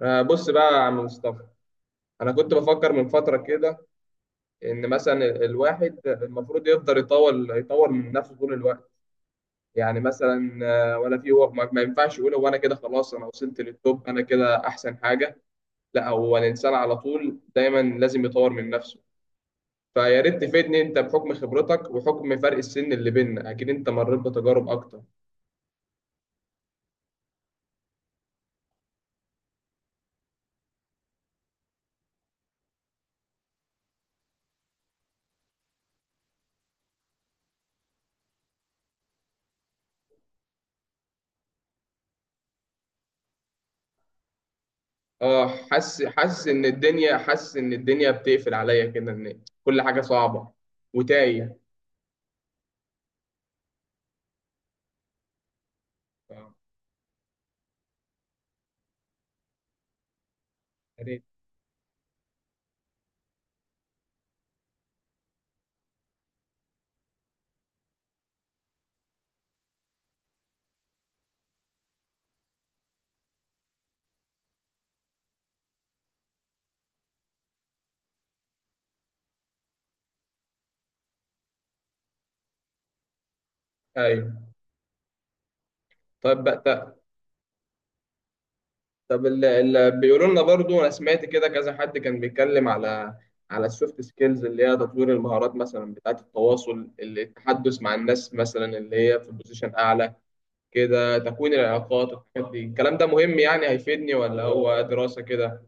بص بقى يا عم مصطفى. انا كنت بفكر من فتره كده ان مثلا الواحد المفروض يفضل يطور من نفسه طول الوقت. يعني مثلا، ولا في، هو ما ينفعش يقول، هو انا كده خلاص، انا وصلت للتوب، انا كده احسن حاجه. لا، هو الانسان على طول دايما لازم يطور من نفسه. فيا ريت تفيدني انت بحكم خبرتك وحكم فرق السن اللي بيننا، اكيد انت مريت بتجارب اكتر. اه، حاسس حاسس ان الدنيا بتقفل عليا كده، ان كل حاجه صعبه وتايه. آه. يا ريت. ايوه. طيب بقى، طب بيقولوا لنا برضو، انا سمعت كده كذا حد كان بيتكلم على السوفت سكيلز، اللي هي تطوير المهارات مثلا بتاعه التواصل، التحدث مع الناس مثلا اللي هي في بوزيشن اعلى كده، تكوين العلاقات. الحاجات دي الكلام ده مهم، يعني هيفيدني ولا هو دراسة كده؟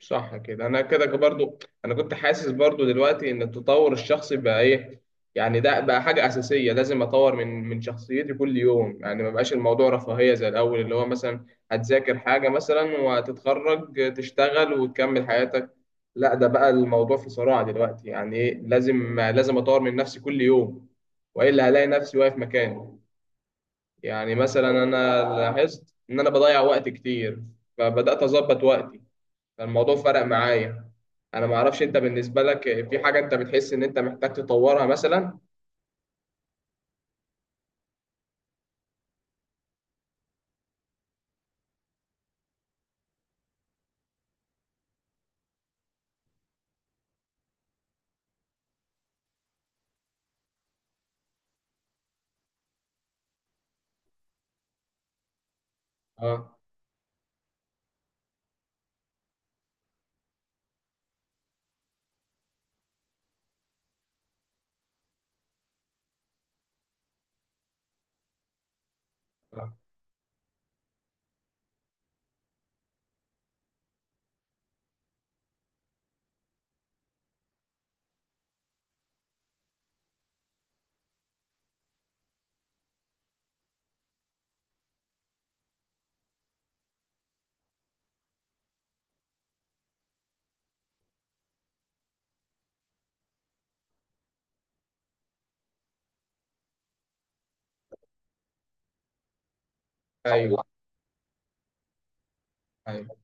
صح كده. انا كده برضو، انا كنت حاسس برضو دلوقتي ان التطور الشخصي بقى ايه. يعني ده بقى حاجة أساسية، لازم أطور من شخصيتي كل يوم. يعني ما بقاش الموضوع رفاهية زي الأول، اللي هو مثلا هتذاكر حاجة مثلا وهتتخرج تشتغل وتكمل حياتك. لا، ده بقى الموضوع في صراع دلوقتي، يعني إيه، لازم أطور من نفسي كل يوم، وإلا هلاقي نفسي واقف مكاني. يعني مثلا أنا لاحظت إن أنا بضيع وقت كتير، فبدأت أظبط وقتي، فالموضوع فرق معايا. انا ما اعرفش انت، بالنسبه لك في حاجه انت بتحس ان انت محتاج تطورها مثلا؟ اه. آه. ايوه. ايوه.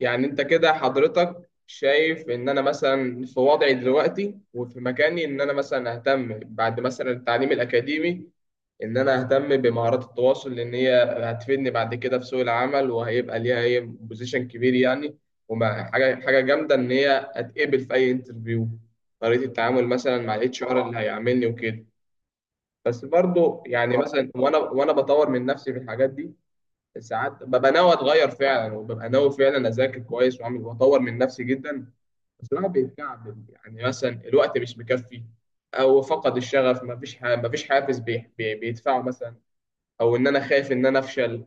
يعني انت كده حضرتك شايف ان انا مثلا في وضعي دلوقتي وفي مكاني، ان انا مثلا اهتم بعد مثلا التعليم الاكاديمي، ان انا اهتم بمهارات التواصل، لان هي هتفيدني بعد كده في سوق العمل، وهيبقى ليها هي بوزيشن كبير يعني. وما حاجه حاجه جامده ان هي اتقبل في اي انترفيو، طريقه التعامل مثلا مع الاتش ار اللي هيعاملني وكده. بس برضه يعني مثلا، وانا بطور من نفسي في الحاجات دي، ساعات ببقى ناوي اتغير فعلا، وببقى ناوي فعلا اذاكر كويس واعمل واطور من نفسي جدا. بس الواحد بيتكعبل، يعني مثلا الوقت مش مكفي، او فقد الشغف، ما فيش حافز بيدفعه مثلا، او ان انا خايف ان انا افشل.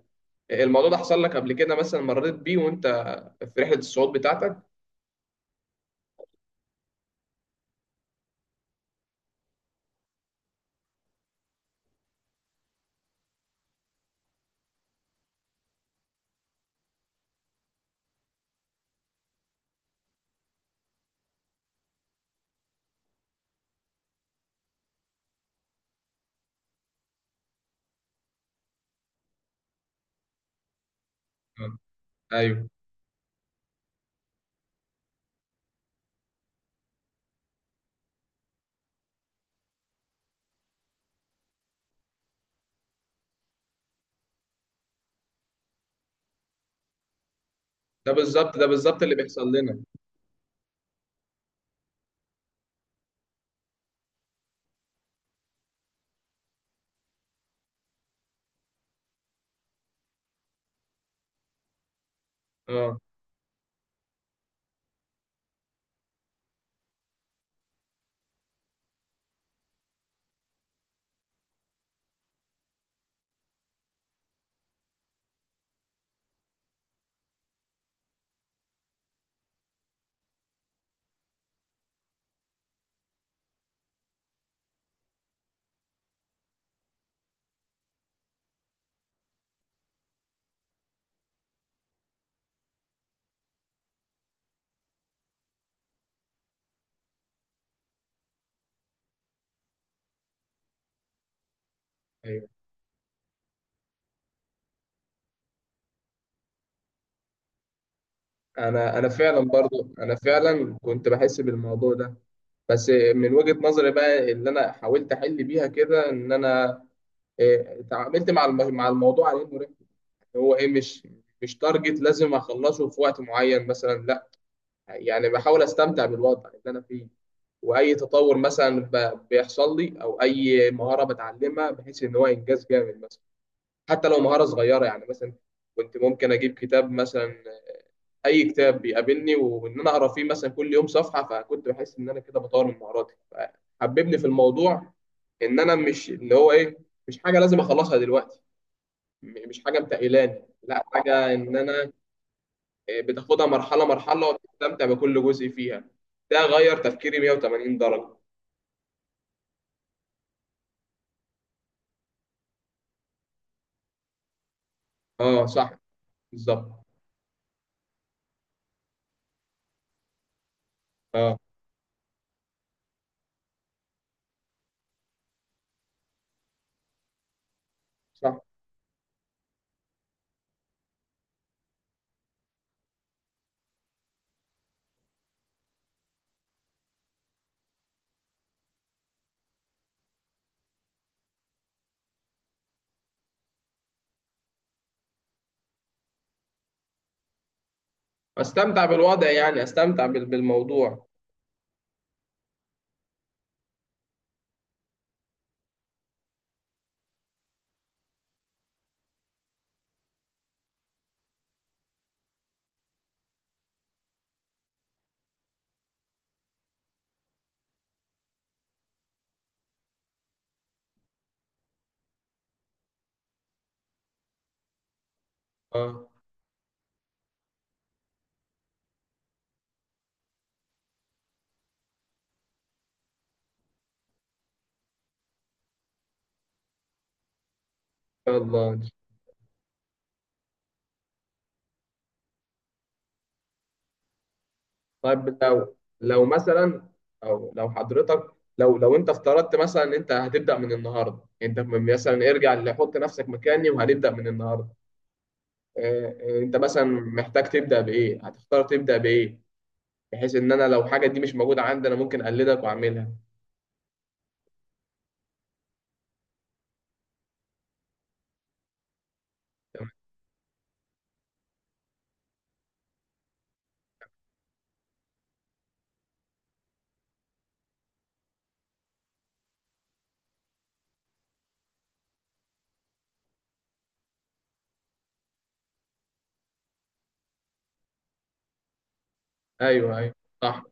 الموضوع ده حصل لك قبل كده مثلا، مريت بيه وانت في رحلة الصعود بتاعتك؟ آه. ايوه. ده بالظبط، ده بالظبط اللي بيحصل لنا. اه. ايوه. انا فعلا برضو، انا فعلا كنت بحس بالموضوع ده. بس من وجهة نظري بقى اللي انا حاولت احل بيها كده، ان انا تعاملت مع مع الموضوع على انه رحله، هو ايه، مش تارجت لازم اخلصه في وقت معين مثلا، لا. يعني بحاول استمتع بالوضع اللي انا فيه، واي تطور مثلا بيحصل لي، او اي مهارة بتعلمها، بحيث ان هو انجاز جامد مثلا، حتى لو مهارة صغيرة. يعني مثلا كنت ممكن اجيب كتاب مثلا، اي كتاب بيقابلني، وان انا اقرا فيه مثلا كل يوم صفحة، فكنت بحس ان انا كده بطور من مهاراتي. حببني في الموضوع، ان انا مش اللي هو ايه، مش حاجه لازم اخلصها دلوقتي، مش حاجه متقلاني، لا، حاجه ان انا، إيه، بتاخدها مرحله مرحله، وبتستمتع بكل جزء فيها. ده غير تفكيري 180 درجه. اه، صح، بالظبط. اه، صح. استمتع بالوضع، يعني استمتع بالموضوع. اه. ان شاء الله. طيب، لو مثلا، او لو حضرتك لو انت افترضت مثلا ان انت هتبدا من النهارده، انت مثلا ارجع، اللي حط نفسك مكاني وهنبدا من النهارده. انت مثلا محتاج تبدا بايه، هتختار تبدا بايه؟ بحيث ان انا لو حاجه دي مش موجوده عندي، انا ممكن اقلدك واعملها. تمام. ايوه. ايوه. صح.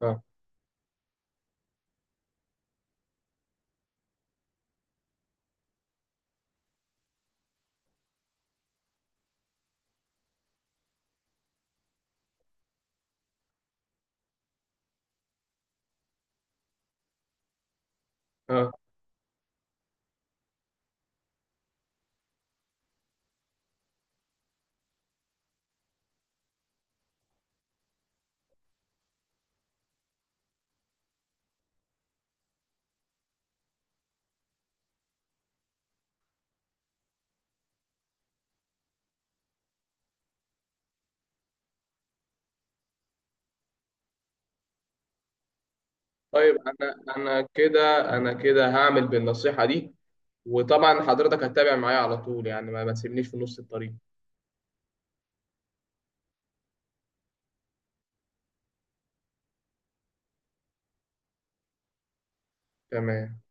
اه. اه. طيب، انا كده هعمل بالنصيحه دي. وطبعا حضرتك هتتابع معايا على طول، يعني ما تسيبنيش في نص الطريق. تمام.